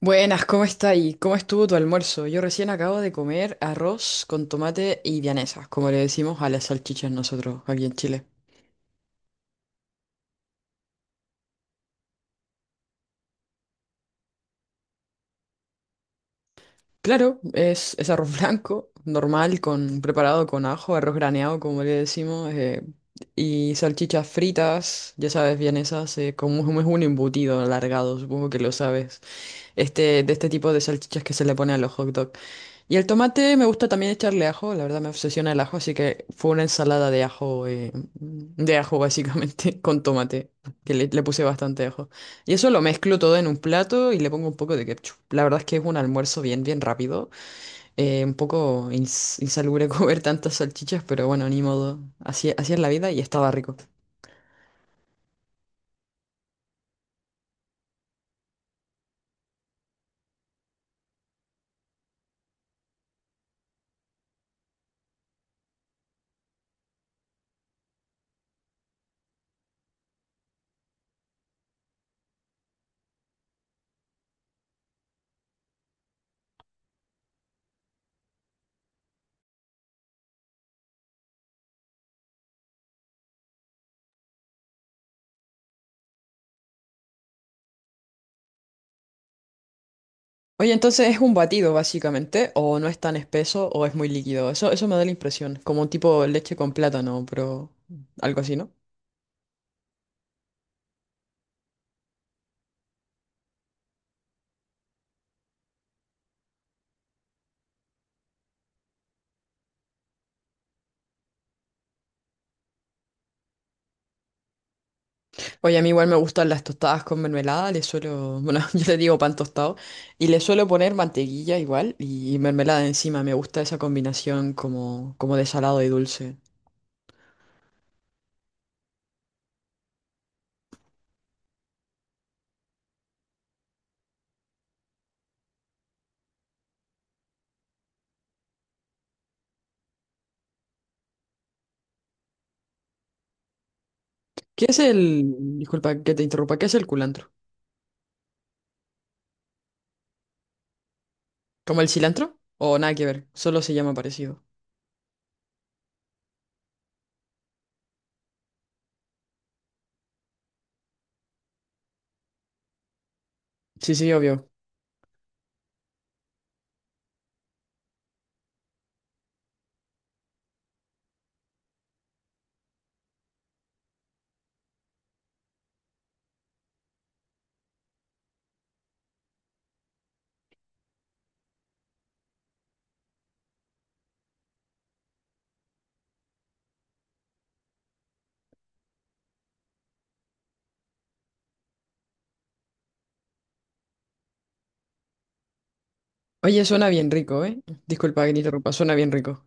Buenas, ¿cómo está ahí? ¿Cómo estuvo tu almuerzo? Yo recién acabo de comer arroz con tomate y vianesas, como le decimos a las salchichas nosotros aquí en Chile. Claro, es arroz blanco, normal, con, preparado con ajo, arroz graneado, como le decimos, y salchichas fritas, ya sabes, vienesas, como es un embutido alargado, supongo que lo sabes, este, de este tipo de salchichas que se le pone a los hot dogs. Y el tomate me gusta también echarle ajo, la verdad me obsesiona el ajo, así que fue una ensalada de ajo básicamente, con tomate, le puse bastante ajo. Y eso lo mezclo todo en un plato y le pongo un poco de ketchup. La verdad es que es un almuerzo bien rápido, un poco insalubre comer tantas salchichas, pero bueno, ni modo, así es la vida y estaba rico. Oye, entonces es un batido básicamente, o no es tan espeso o es muy líquido, eso me da la impresión, como un tipo leche con plátano, pero algo así, ¿no? Oye, a mí igual me gustan las tostadas con mermelada, le suelo, bueno, yo le digo pan tostado, y le suelo poner mantequilla igual y mermelada encima, me gusta esa combinación como, como de salado y dulce. ¿Qué es el, disculpa que te interrumpa, ¿qué es el culantro? ¿Como el cilantro? O nada que ver, solo se llama parecido. Sí, sí, obvio. Oye, suena bien rico, ¿eh? Disculpa que te interrumpa, suena bien rico.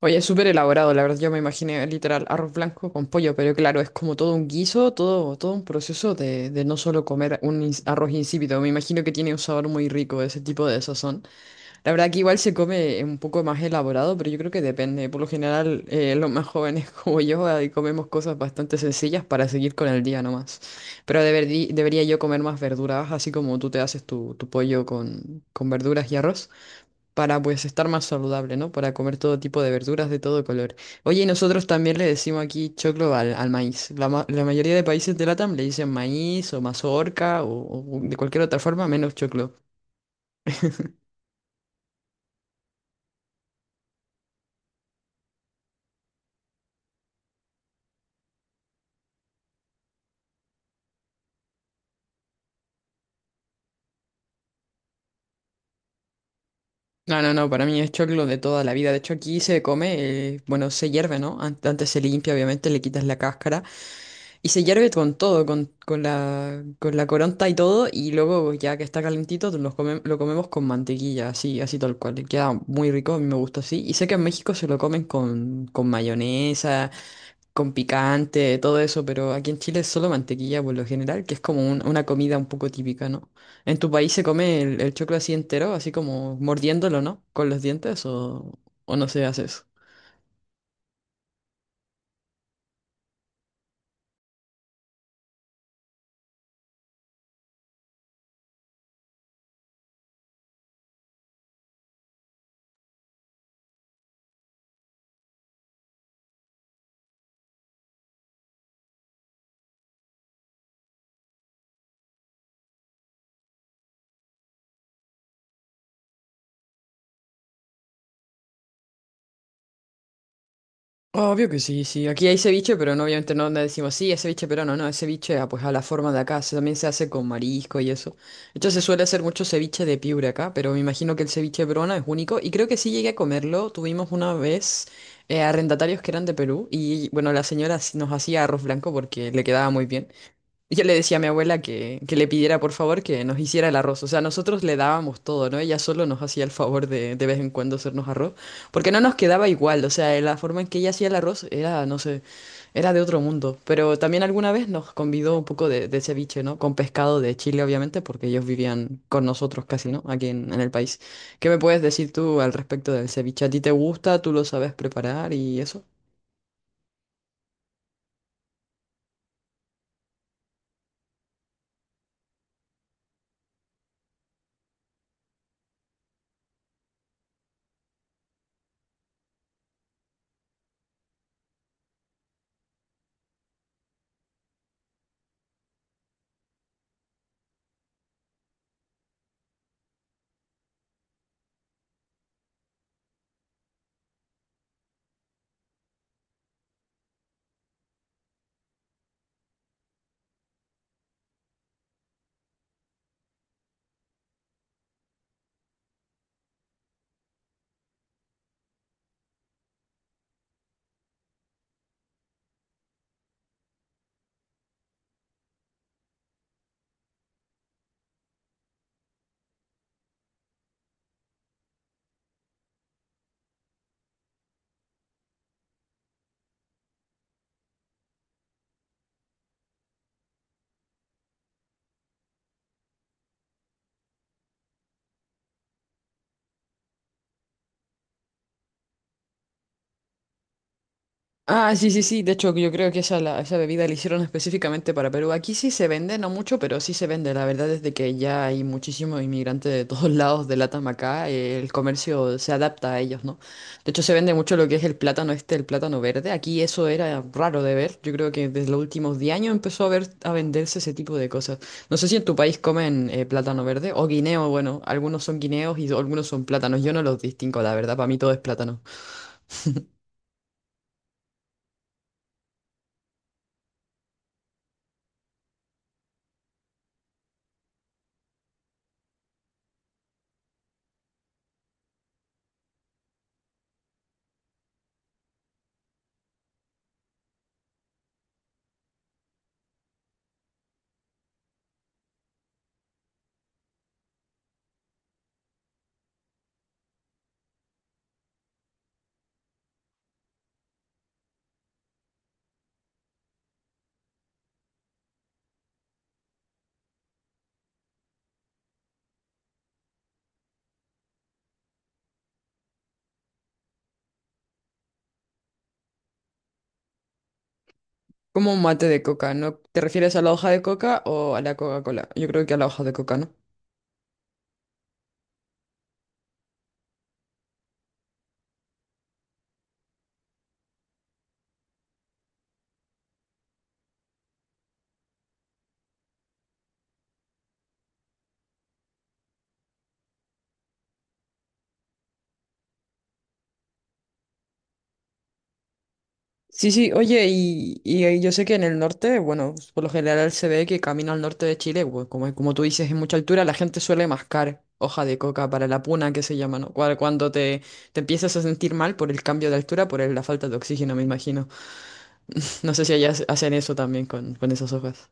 Oye, es súper elaborado, la verdad. Yo me imaginé literal arroz blanco con pollo, pero claro, es como todo un guiso, todo un proceso de no solo comer un arroz insípido. Me imagino que tiene un sabor muy rico ese tipo de sazón. La verdad que igual se come un poco más elaborado, pero yo creo que depende. Por lo general, los más jóvenes como yo ahí comemos cosas bastante sencillas para seguir con el día nomás. Pero debería yo comer más verduras, así como tú te haces tu pollo con verduras y arroz para pues estar más saludable, ¿no? Para comer todo tipo de verduras de todo color. Oye, y nosotros también le decimos aquí choclo al maíz. La mayoría de países de LATAM le dicen maíz o mazorca o de cualquier otra forma menos choclo. No, no, no, para mí es choclo de toda la vida. De hecho, aquí se come, bueno, se hierve, ¿no? Antes se limpia, obviamente, le quitas la cáscara. Y se hierve con todo, con con la coronta y todo, y luego ya que está calentito los lo comemos con mantequilla, así tal cual. Y queda muy rico, a mí me gusta así. Y sé que en México se lo comen con mayonesa, con picante, todo eso, pero aquí en Chile es solo mantequilla por lo general, que es como una comida un poco típica, ¿no? ¿En tu país se come el choclo así entero, así como mordiéndolo, ¿no? Con los dientes o no se hace eso? Obvio que sí, sí. Aquí hay ceviche, pero no, obviamente no le decimos, sí, es ceviche pero no, no, es ceviche ah, pues a la forma de acá. También se hace con marisco y eso. De hecho, se suele hacer mucho ceviche de Piura acá, pero me imagino que el ceviche peruano es único. Y creo que sí llegué a comerlo. Tuvimos una vez arrendatarios que eran de Perú y, bueno, la señora sí nos hacía arroz blanco porque le quedaba muy bien. Yo le decía a mi abuela que le pidiera por favor que nos hiciera el arroz. O sea, nosotros le dábamos todo, ¿no? Ella solo nos hacía el favor de vez en cuando hacernos arroz, porque no nos quedaba igual. O sea, la forma en que ella hacía el arroz era, no sé, era de otro mundo. Pero también alguna vez nos convidó un poco de ceviche, ¿no? Con pescado de Chile, obviamente, porque ellos vivían con nosotros casi, ¿no? Aquí en el país. ¿Qué me puedes decir tú al respecto del ceviche? ¿A ti te gusta? ¿Tú lo sabes preparar y eso? Ah, sí, sí, sí. De hecho, yo creo que esa bebida la hicieron específicamente para Perú. Aquí sí se vende, no mucho, pero sí se vende. La verdad es de que ya hay muchísimos inmigrantes de todos lados de Latam acá. El comercio se adapta a ellos, ¿no? De hecho, se vende mucho lo que es el plátano este, el plátano verde. Aquí eso era raro de ver. Yo creo que desde los últimos 10 años empezó a ver, a venderse ese tipo de cosas. No sé si en tu país comen plátano verde o guineo. Bueno, algunos son guineos y algunos son plátanos. Yo no los distingo, la verdad. Para mí todo es plátano. Como un mate de coca, ¿no? ¿Te refieres a la hoja de coca o a la Coca-Cola? Yo creo que a la hoja de coca, ¿no? Sí, sí, oye, y ahí yo sé que en el norte, bueno, por lo general se ve que camino al norte de Chile, bueno, como, como tú dices, en mucha altura, la gente suele mascar hoja de coca para la puna, que se llama, ¿no? Cuando te empiezas a sentir mal por el cambio de altura, por la falta de oxígeno, me imagino. No sé si allá hacen eso también con esas hojas.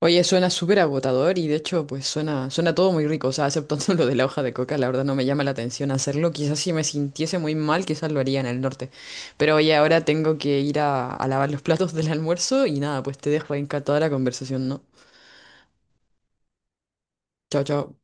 Oye, suena súper agotador y de hecho, pues suena, suena todo muy rico, o sea, exceptuando lo de la hoja de coca, la verdad no me llama la atención hacerlo. Quizás si me sintiese muy mal, quizás lo haría en el norte. Pero oye, ahora tengo que ir a lavar los platos del almuerzo y nada, pues te dejo ahí encantada la conversación, ¿no? Chao, chao.